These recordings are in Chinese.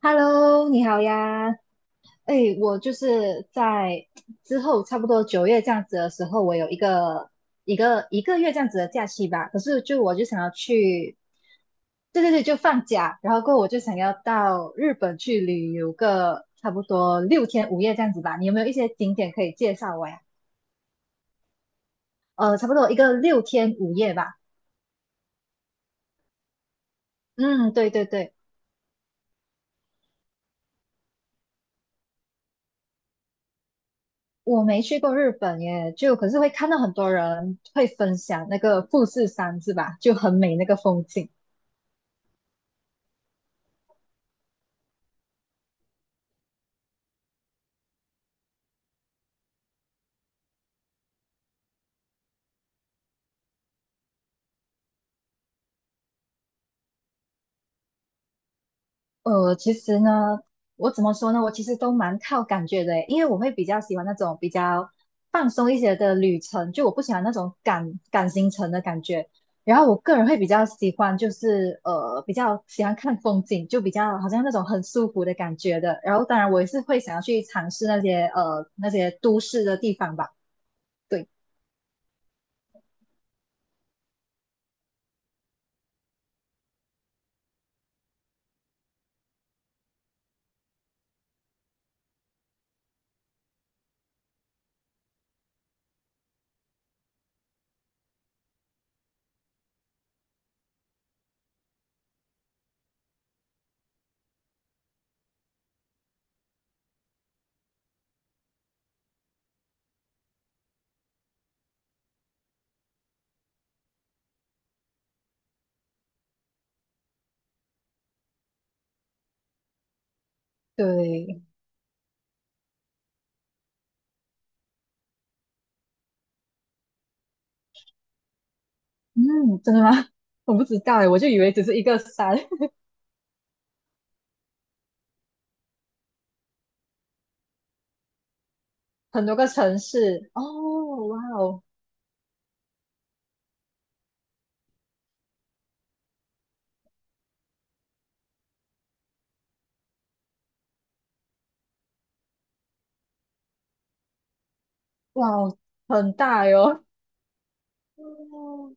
Hello，你好呀。哎，我就是在之后差不多九月这样子的时候，我有一个月这样子的假期吧。可是我就想要去，对对对，就放假。然后过后我就想要到日本去旅游个差不多六天五夜这样子吧。你有没有一些景点可以介绍我呀？差不多一个六天五夜吧。嗯，对对对。我没去过日本耶，就可是会看到很多人会分享那个富士山是吧？就很美那个风景。其实呢，我怎么说呢？我其实都蛮靠感觉的耶，因为我会比较喜欢那种比较放松一些的旅程，就我不喜欢那种赶赶行程的感觉。然后我个人会比较喜欢，就是比较喜欢看风景，就比较好像那种很舒服的感觉的。然后当然我也是会想要去尝试那些那些都市的地方吧。对对，嗯，真的吗？我不知道诶，我就以为只是一个山，很多个城市。哦，哇哦，哇哦，很大哟。哦，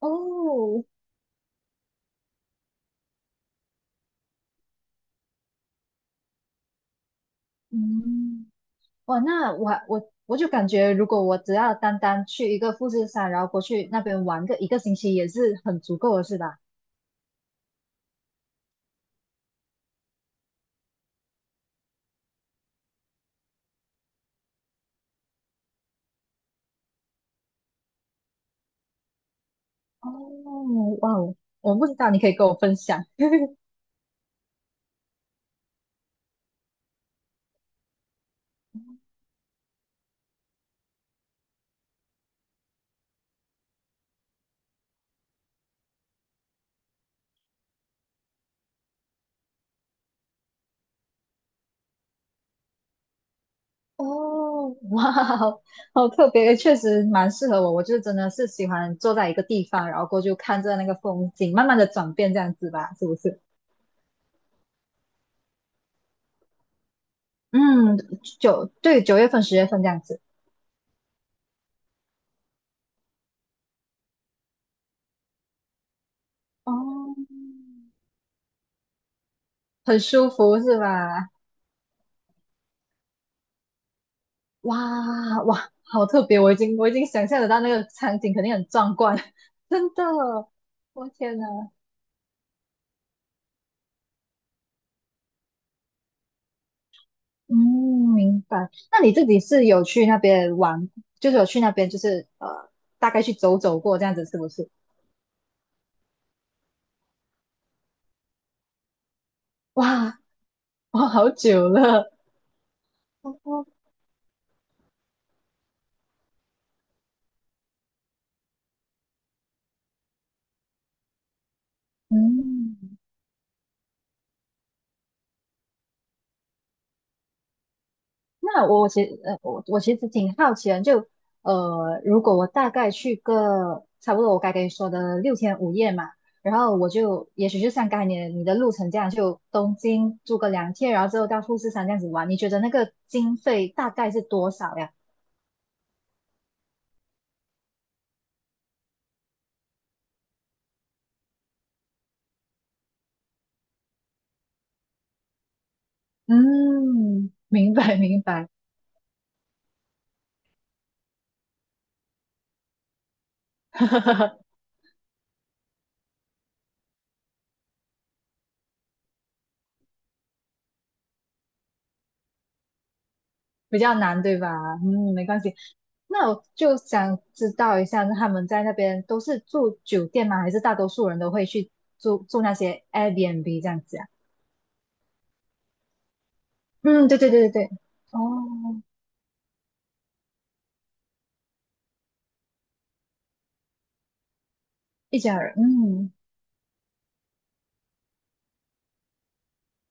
哦，嗯，哇，那我就感觉，如果我只要单单去一个富士山，然后过去那边玩个一个星期，也是很足够的，是吧？哦，哇哦，我不知道，你可以跟我分享。哦，哇哦，好好特别，确实蛮适合我。我就真的是喜欢坐在一个地方，然后过去看着那个风景，慢慢的转变这样子吧，是不是？嗯，九，对，9月份、10月份这样子。哦，很舒服是吧？哇哇，好特别！我已经想象得到那个场景肯定很壮观，真的。我天呐！嗯，明白。那你自己是有去那边玩，就是有去那边，就是大概去走走过这样子，是不是？哇，我好久了。哦，嗯，那我其实我我其实挺好奇的，就如果我大概去个差不多我该跟你说的六天五夜嘛，然后我就也许就像刚才你的路程这样，就东京住个2天，然后之后到富士山这样子玩，你觉得那个经费大概是多少呀？嗯，明白明白，比较难对吧？嗯，没关系。那我就想知道一下，那他们在那边都是住酒店吗？还是大多数人都会去住那些 Airbnb 这样子啊？嗯，对对对对对。哦，一家人，嗯，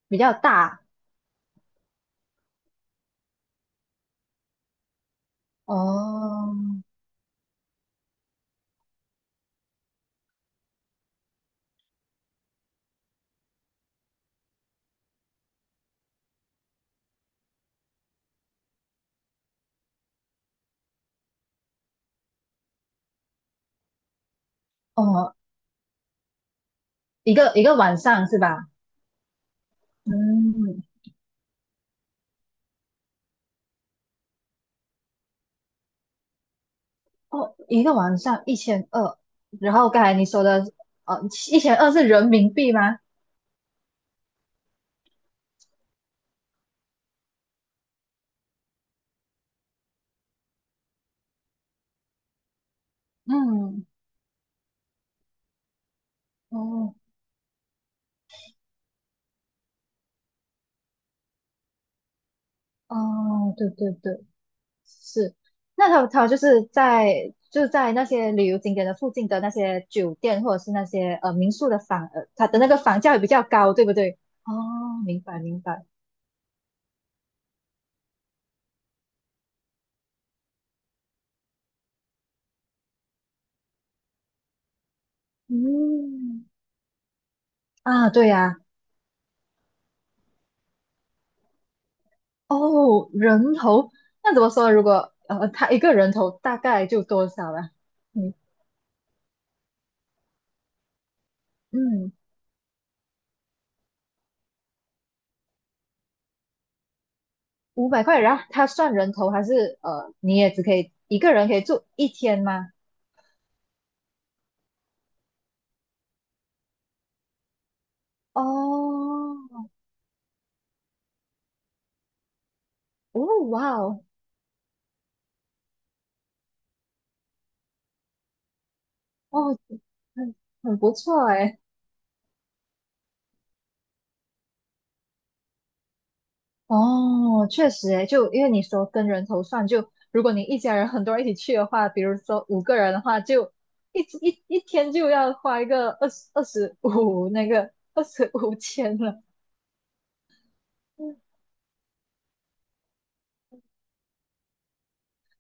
比较大。哦，哦，一个晚上是吧？嗯，哦，一个晚上一千二。然后刚才你说的，呃，一千二是人民币吗？嗯，哦，哦，对对对，是。那他就是在那些旅游景点的附近的那些酒店或者是那些民宿的房，它的那个房价也比较高，对不对？哦，明白明白。嗯，啊，对呀、哦，人头，那怎么说？如果他一个人头大概就多少啊？嗯嗯，500块，然后他算人头还是你也只可以一个人可以住一天吗？哦。哦，哇哦，哦，很，很不错哎。哦，确实哎，就因为你说跟人头算，就如果你一家人很多人一起去的话，比如说5个人的话，就一一天就要花一个二十五那个二十五千了。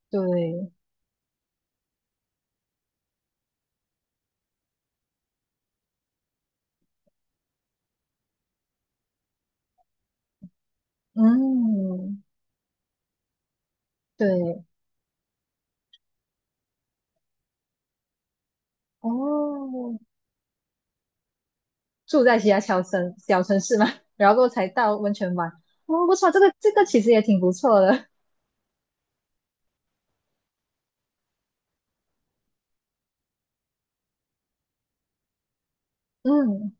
对，嗯，对，哦，住在其他小城市嘛，然后过后才到温泉玩。哦，不错，这个这个其实也挺不错的。嗯，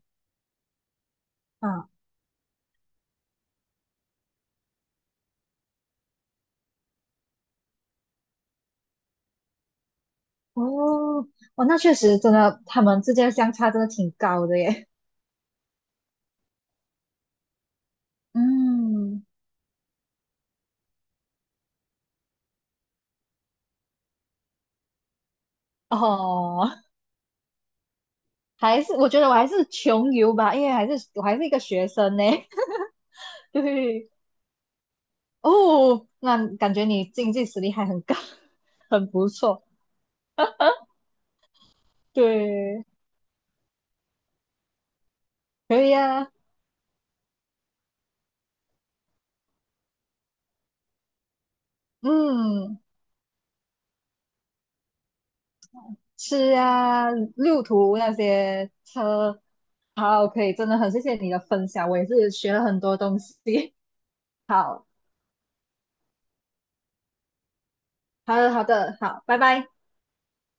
啊。哦，哦，那确实真的，他们之间的相差真的挺高的耶。嗯，哦，还是我觉得我还是穷游吧，因为还是我还是一个学生呢。对，哦，那感觉你经济实力还很高，很不错。对，可以啊，嗯，吃啊，路途那些车，好，可以，真的很谢谢你的分享，我也是学了很多东西。好，好的，好的，好，拜拜。